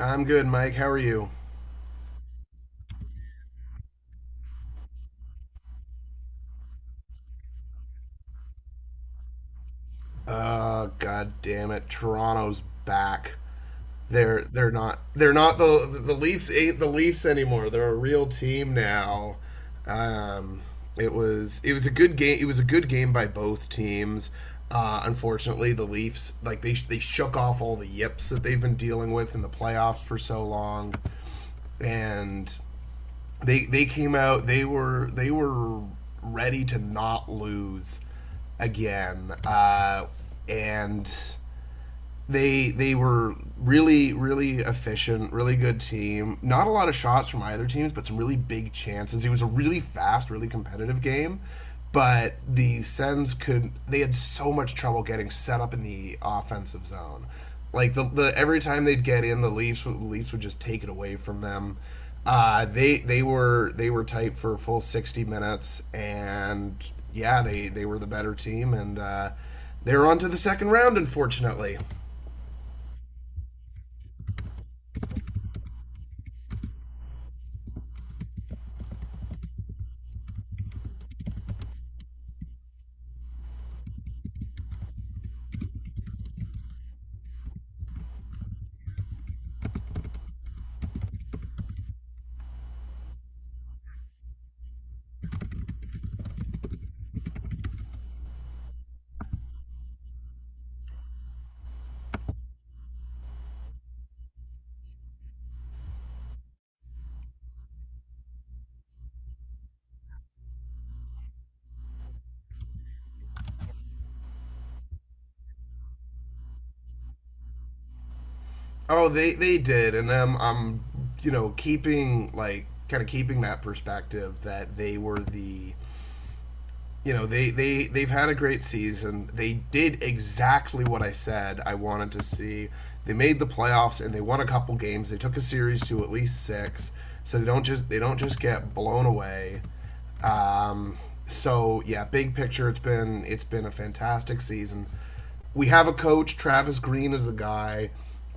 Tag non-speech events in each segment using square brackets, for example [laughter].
I'm good, Mike. How are you? God damn it, Toronto's back. They're not the the Leafs ain't the Leafs anymore. They're a real team now. Um, it was a good game. It was a good game by both teams. Unfortunately, the Leafs like they shook off all the yips that they've been dealing with in the playoffs for so long, and they came out, they were ready to not lose again and they were really efficient, really good team. Not a lot of shots from either teams, but some really big chances. It was a really fast, really competitive game, but the Sens could, they had so much trouble getting set up in the offensive zone. Like the every time they'd get in, the Leafs would just take it away from them. They were tight for a full 60 minutes, and yeah, they were the better team, and they were on to the second round, unfortunately. Oh, they did, and I'm, you know, keeping like kind of keeping that perspective that they were the, you know, they've had a great season. They did exactly what I said I wanted to see. They made the playoffs and they won a couple games. They took a series to at least six, so they don't just get blown away. Um, so yeah, big picture, it's been a fantastic season. We have a coach, Travis Green is a guy,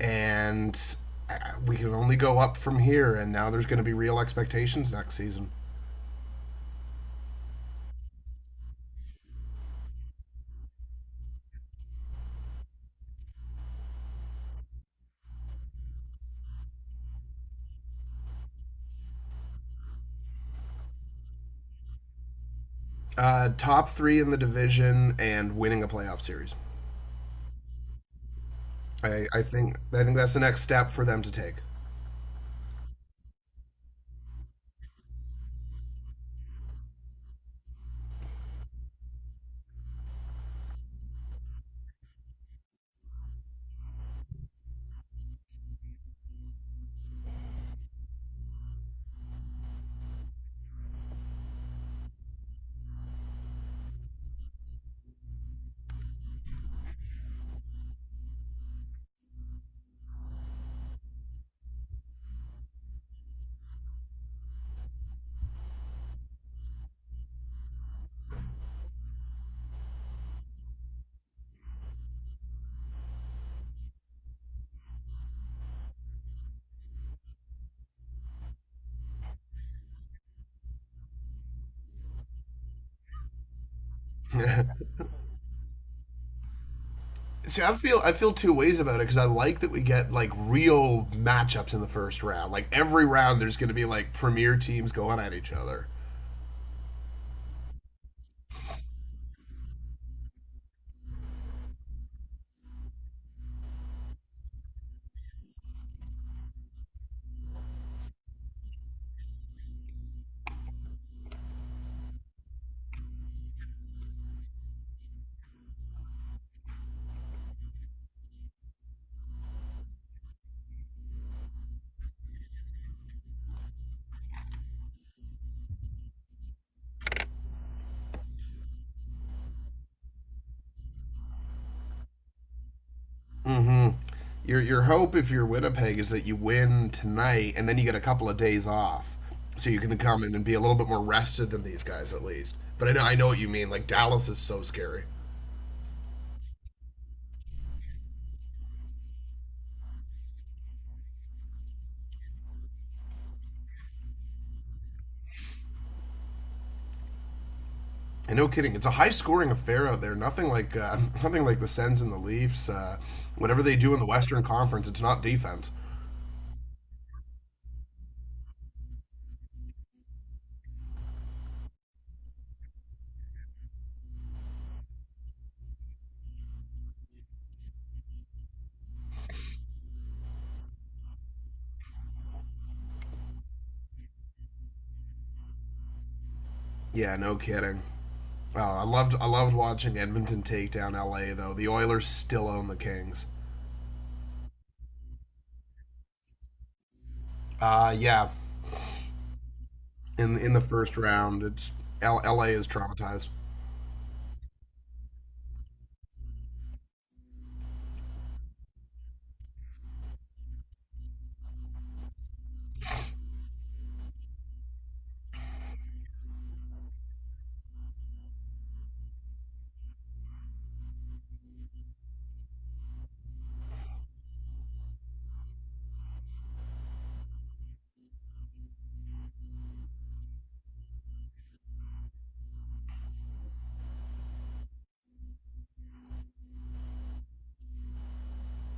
and uh, we can only go up from here. And now there's going to be real expectations next season. Top three in the division and winning a playoff series. I think that's the next step for them to take. [laughs] See, I feel two ways about it because I like that we get like real matchups in the first round. Like every round, there's going to be like premier teams going at each other. Hmm. Your hope if you're Winnipeg is that you win tonight and then you get a couple of days off, so you can come in and be a little bit more rested than these guys at least. But I know what you mean. Like Dallas is so scary. And no kidding, it's a high scoring affair out there. Nothing like [laughs] nothing like the Sens and the Leafs. Whatever they do in the Western Conference, it's not defense. Yeah, no kidding. Oh, I loved watching Edmonton take down LA though. The Oilers still own the Kings. Yeah, in the first round, it's LA is traumatized.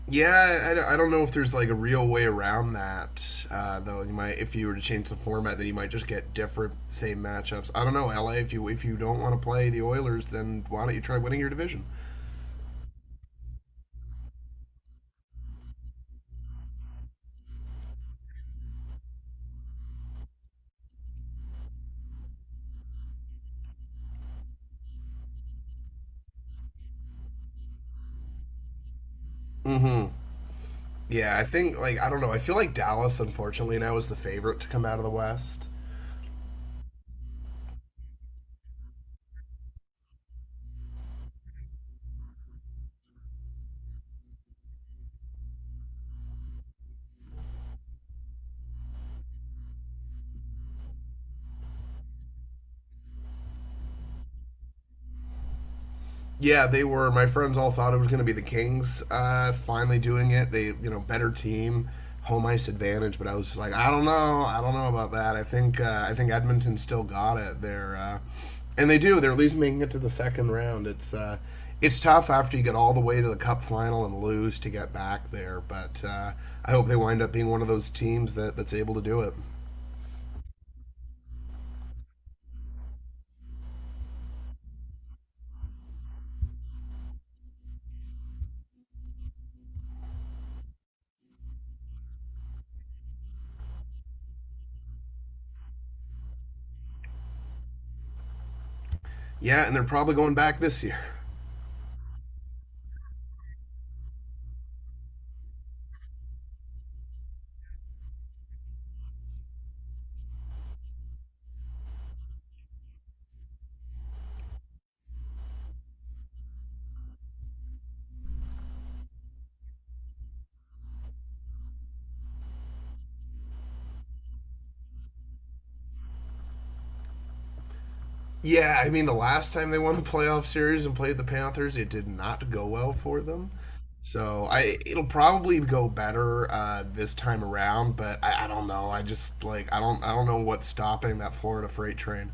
Yeah, I don't know if there's like a real way around that though. You might, if you were to change the format, then you might just get different same matchups. I don't know, LA. If you don't want to play the Oilers, then why don't you try winning your division? Mm-hmm. Yeah, I think like I don't know. I feel like Dallas, unfortunately, now is the favorite to come out of the West. Yeah, they were. My friends all thought it was going to be the Kings finally doing it. They, you know, better team, home ice advantage. But I was just like, I don't know about that. I think Edmonton still got it. They're and they do. They're at least making it to the second round. It's tough after you get all the way to the Cup final and lose to get back there. But I hope they wind up being one of those teams that, that's able to do it. Yeah, and they're probably going back this year. Yeah, I mean, the last time they won a playoff series and played the Panthers, it did not go well for them. So I, it'll probably go better this time around, but I don't know. I just like I don't know what's stopping that Florida freight train.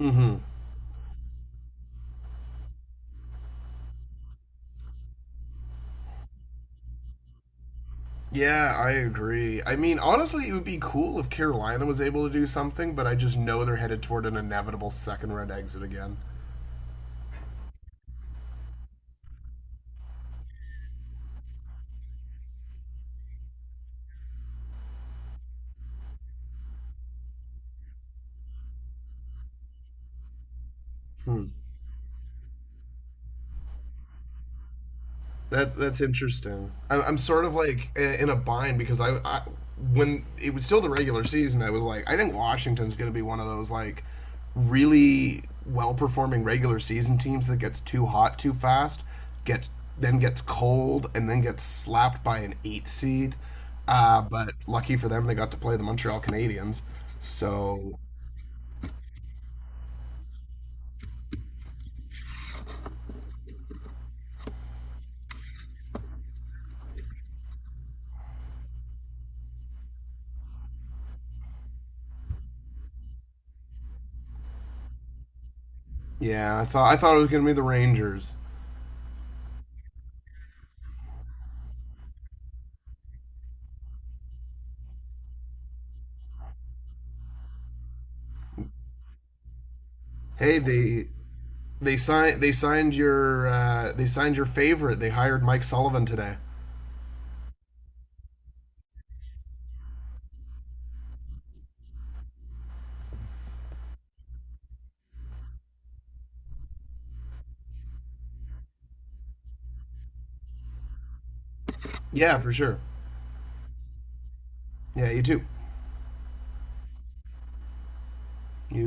Mm-hmm. Yeah, I agree. I mean, honestly, it would be cool if Carolina was able to do something, but I just know they're headed toward an inevitable second round exit again. Hmm. That's interesting. I'm sort of like in a bind because I when it was still the regular season, I was like, I think Washington's going to be one of those like really well performing regular season teams that gets too hot too fast, gets then gets cold, and then gets slapped by an eight seed. But lucky for them, they got to play the Montreal Canadiens. So yeah, I thought it was going to be the Rangers. Hey, they They signed your favorite. They hired Mike Sullivan today. Yeah, for sure. Yeah, you too. You